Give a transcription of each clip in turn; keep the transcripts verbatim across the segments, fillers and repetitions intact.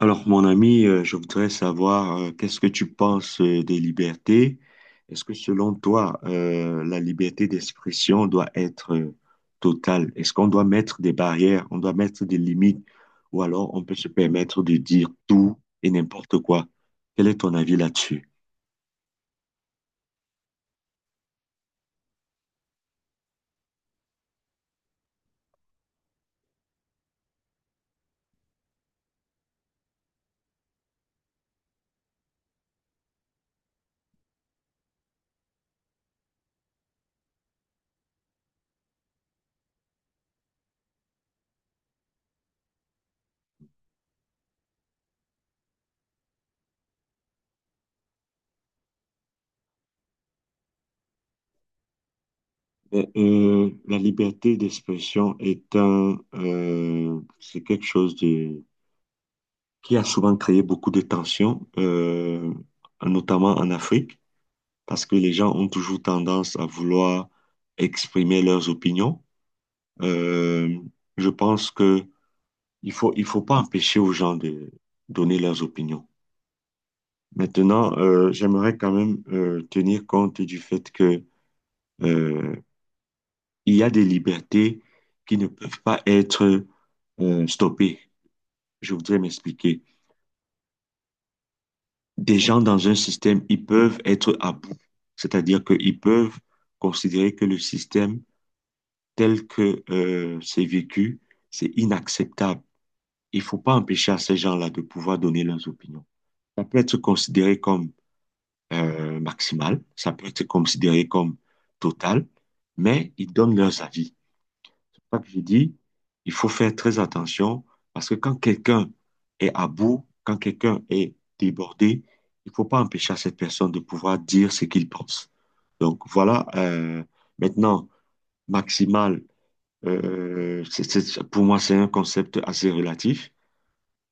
Alors, mon ami, euh, je voudrais savoir euh, qu'est-ce que tu penses euh, des libertés? Est-ce que selon toi, euh, la liberté d'expression doit être euh, totale? Est-ce qu'on doit mettre des barrières, on doit mettre des limites, ou alors on peut se permettre de dire tout et n'importe quoi? Quel est ton avis là-dessus? Ben, euh, la liberté d'expression est un, euh, c'est quelque chose de, qui a souvent créé beaucoup de tensions, euh, notamment en Afrique, parce que les gens ont toujours tendance à vouloir exprimer leurs opinions. Euh, je pense que il faut, il faut pas empêcher aux gens de donner leurs opinions. Maintenant, euh, j'aimerais quand même euh, tenir compte du fait que euh, il y a des libertés qui ne peuvent pas être euh, stoppées. Je voudrais m'expliquer. Des gens dans un système, ils peuvent être à bout, c'est-à-dire qu'ils peuvent considérer que le système tel que euh, c'est vécu, c'est inacceptable. Il ne faut pas empêcher à ces gens-là de pouvoir donner leurs opinions. Ça peut être considéré comme euh, maximal, ça peut être considéré comme total, mais ils donnent leurs avis. C'est pas que je dis, il faut faire très attention parce que quand quelqu'un est à bout, quand quelqu'un est débordé, il ne faut pas empêcher à cette personne de pouvoir dire ce qu'il pense. Donc voilà, euh, maintenant, maximal euh, c'est- c'est- pour moi, c'est un concept assez relatif.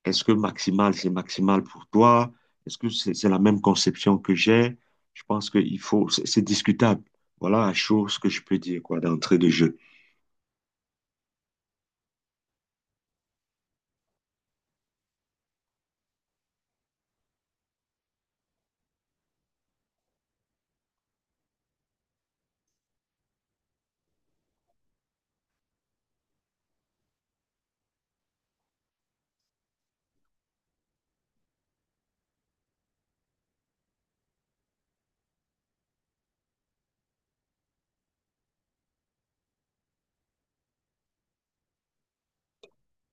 Est-ce que maximal, c'est maximal pour toi? Est-ce que c'est c'est la même conception que j'ai? Je pense qu'il faut, c'est c'est discutable. Voilà la chose que je peux dire, quoi, d'entrée de jeu.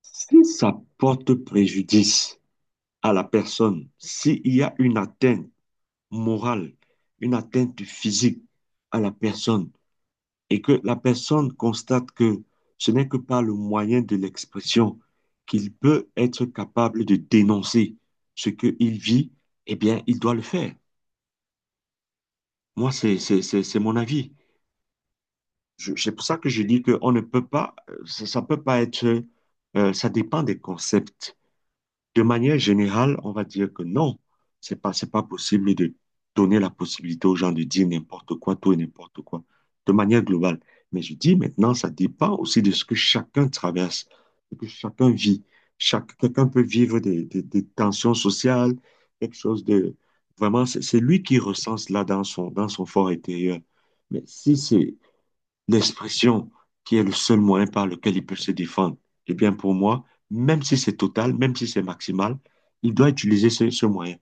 Si ça porte préjudice à la personne, s'il y a une atteinte morale, une atteinte physique à la personne, et que la personne constate que ce n'est que par le moyen de l'expression qu'il peut être capable de dénoncer ce qu'il vit, eh bien, il doit le faire. Moi, c'est, c'est, c'est, c'est mon avis. Je- C'est pour ça que je dis qu'on ne peut pas, ça, ça peut pas être, euh, ça dépend des concepts. De manière générale, on va dire que non, c'est pas, c'est pas possible de donner la possibilité aux gens de dire n'importe quoi, tout et n'importe quoi, de manière globale. Mais je dis maintenant, ça dépend aussi de ce que chacun traverse, de ce que chacun vit. Chaque, quelqu'un peut vivre des, des- des tensions sociales, quelque chose de... Vraiment, c'est c'est lui qui recense là dans son, dans son fort intérieur. Mais si c'est l'expression qui est le seul moyen par lequel il peut se défendre, eh bien pour moi, même si c'est total, même si c'est maximal, il doit utiliser ce, ce moyen.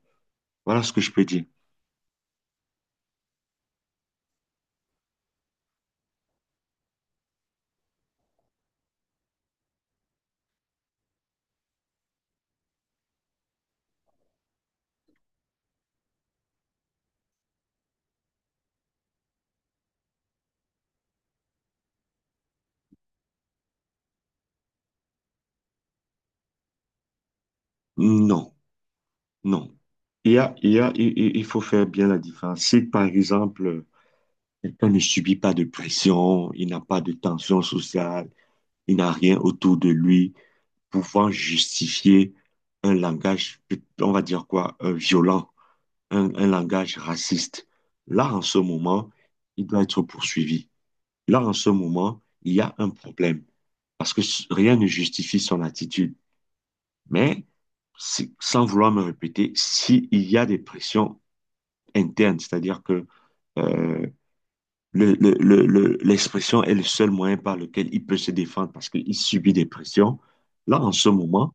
Voilà ce que je peux dire. Non, non. Il y a, il y a, il, il- il faut faire bien la différence. Si par exemple, quelqu'un ne subit pas de pression, il n'a pas de tension sociale, il n'a rien autour de lui pouvant justifier un langage, on va dire quoi, euh, violent un, un langage raciste. Là, en ce moment, il doit être poursuivi. Là, en ce moment, il y a un problème parce que rien ne justifie son attitude. Mais, si, sans vouloir me répéter, s'il y a des pressions internes, c'est-à-dire que euh, l'expression le, le, le, l'expression est le seul moyen par lequel il peut se défendre parce qu'il subit des pressions, là, en ce moment,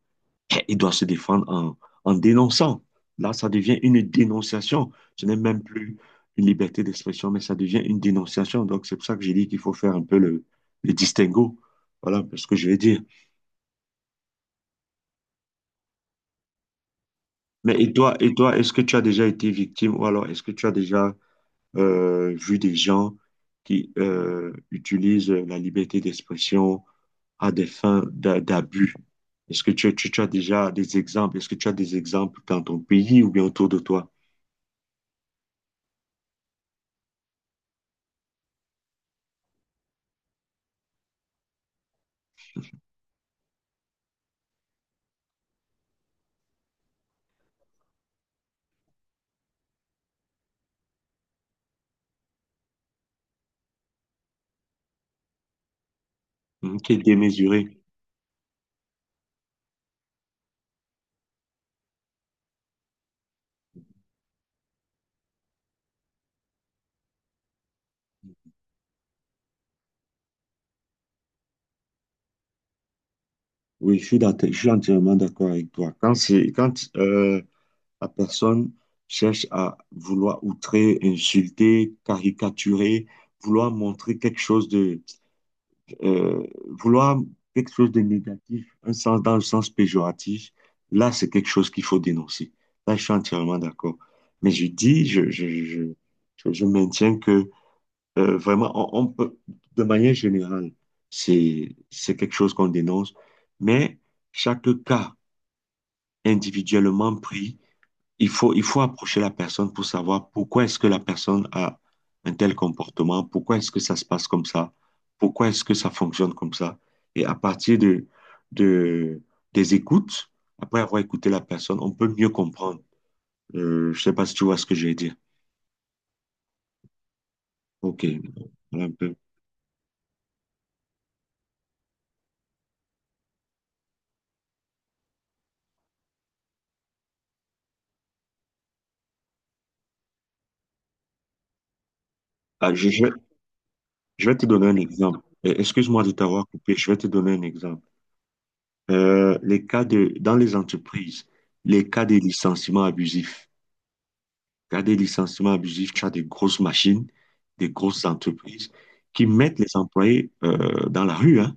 il doit se défendre en, en dénonçant. Là, ça devient une dénonciation. Ce n'est même plus une liberté d'expression, mais ça devient une dénonciation. Donc, c'est pour ça que j'ai dit qu'il faut faire un peu le, le distinguo. Voilà un ce que je vais dire. Mais et toi, et toi, est-ce que tu as déjà été victime ou alors est-ce que tu as déjà euh, vu des gens qui euh, utilisent la liberté d'expression à des fins d'a- d'abus? Est-ce que tu, tu tu as déjà des exemples? Est-ce que tu as des exemples dans ton pays ou bien autour de toi? Mhm, qui est démesuré. Oui, je suis, d'atte- je suis entièrement d'accord avec toi. Quand c'est, quand euh, la personne cherche à vouloir outrer, insulter, caricaturer, vouloir montrer quelque chose de, euh, vouloir quelque chose de négatif, un sens dans le sens péjoratif, là, c'est quelque chose qu'il faut dénoncer. Là, je suis entièrement d'accord. Mais je dis, je, je, je, je, je maintiens que Euh, vraiment, on, on peut, de manière générale, c'est, c'est quelque chose qu'on dénonce, mais chaque cas individuellement pris, il faut, il faut approcher la personne pour savoir pourquoi est-ce que la personne a un tel comportement, pourquoi est-ce que ça se passe comme ça, pourquoi est-ce que ça fonctionne comme ça. Et à partir de, de, des écoutes, après avoir écouté la personne, on peut mieux comprendre. Euh, je sais pas si tu vois ce que je vais dire. OK. Voilà un peu. Ah, je, je- Je vais te donner un exemple. Euh, Excuse-moi de t'avoir coupé. Je vais te donner un exemple. Euh, les cas de, dans les entreprises, les cas de licenciement abusif. Cas de licenciement abusif, tu as des grosses machines, des grosses entreprises qui mettent les employés euh, dans la rue, hein.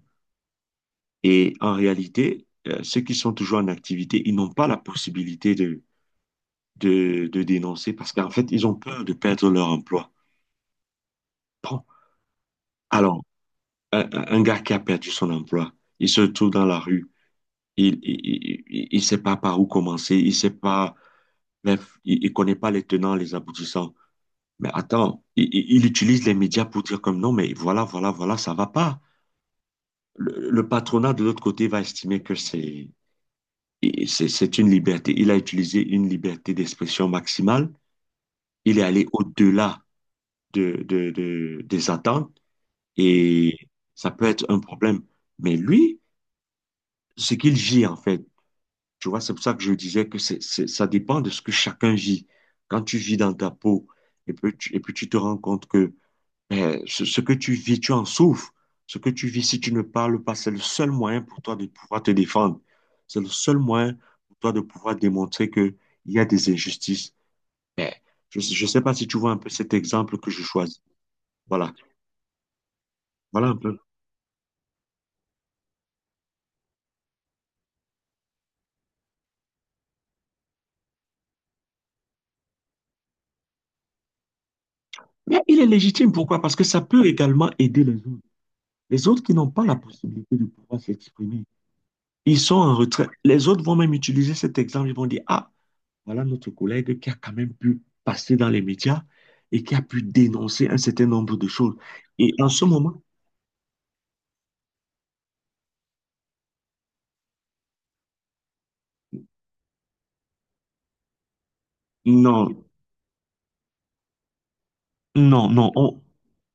Et en réalité, euh, ceux qui sont toujours en activité, ils n'ont pas la possibilité de, de, de dénoncer parce qu'en fait, ils ont peur de perdre leur emploi. Bon, alors, un un- un gars qui a perdu son emploi, il se retrouve dans la rue. Il, il, il, il sait pas par où commencer, il sait pas, bref, il, il connaît pas les tenants, les aboutissants. Mais attends, il, il- il utilise les médias pour dire comme non, mais voilà, voilà, voilà, ça va pas. Le, le patronat de l'autre côté va estimer que c'est, et c'est, c'est une liberté. Il a utilisé une liberté d'expression maximale. Il est allé au-delà de, de, de- des attentes et ça peut être un problème. Mais lui, ce qu'il gît en fait, tu vois, c'est pour ça que je disais que c'est, c'est- ça dépend de ce que chacun vit. Quand tu vis dans ta peau et puis tu, et puis tu te rends compte que eh, ce, ce que tu vis, tu en souffres. Ce que tu vis, si tu ne parles pas, c'est le seul moyen pour toi de pouvoir te défendre. C'est le seul moyen pour toi de pouvoir démontrer qu'il y a des injustices. Mais je ne sais pas si tu vois un peu cet exemple que je choisis. Voilà, voilà un peu. Mais il est légitime, pourquoi? Parce que ça peut également aider les autres. Les autres qui n'ont pas la possibilité de pouvoir s'exprimer. Ils sont en retrait. Les autres vont même utiliser cet exemple. Ils vont dire, ah, voilà notre collègue qui a quand même pu passer dans les médias et qui a pu dénoncer un certain nombre de choses. Et en ce moment, non, non, non, on-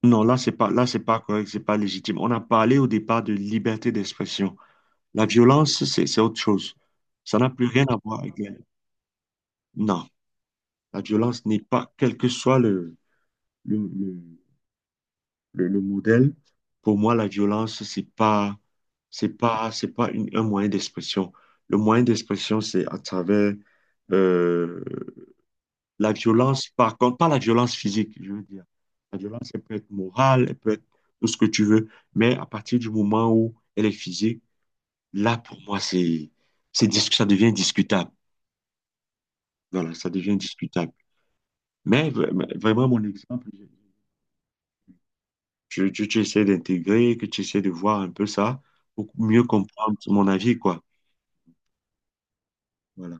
non, là, c'est pas, là, c'est pas correct, c'est pas légitime. On a parlé au départ de liberté d'expression. La violence, c'est, c'est autre chose. Ça n'a plus rien à voir avec la- Non, la violence n'est pas, quel que soit le, le, le- le, le modèle. Pour moi, la violence, c'est pas, c'est pas, c'est pas une- un moyen d'expression. Le moyen d'expression, c'est à travers euh, la violence, par contre, pas la violence physique, je veux dire. La violence, elle peut être morale, elle peut être tout ce que tu veux, mais à partir du moment où elle est physique, là, pour moi, c'est, c'est, dis- ça devient discutable. Voilà, ça devient discutable. Mais v- mais vraiment, mon exemple, Tu, tu, tu essaies d'intégrer, que tu essaies de voir un peu ça pour mieux comprendre mon avis, quoi. Voilà.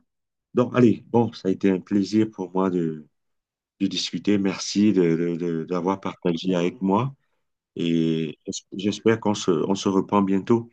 Donc, allez, bon, ça a été un plaisir pour moi de, de discuter. Merci de, de- de- d'avoir partagé avec moi et j'espère qu'on se, on se reprend bientôt.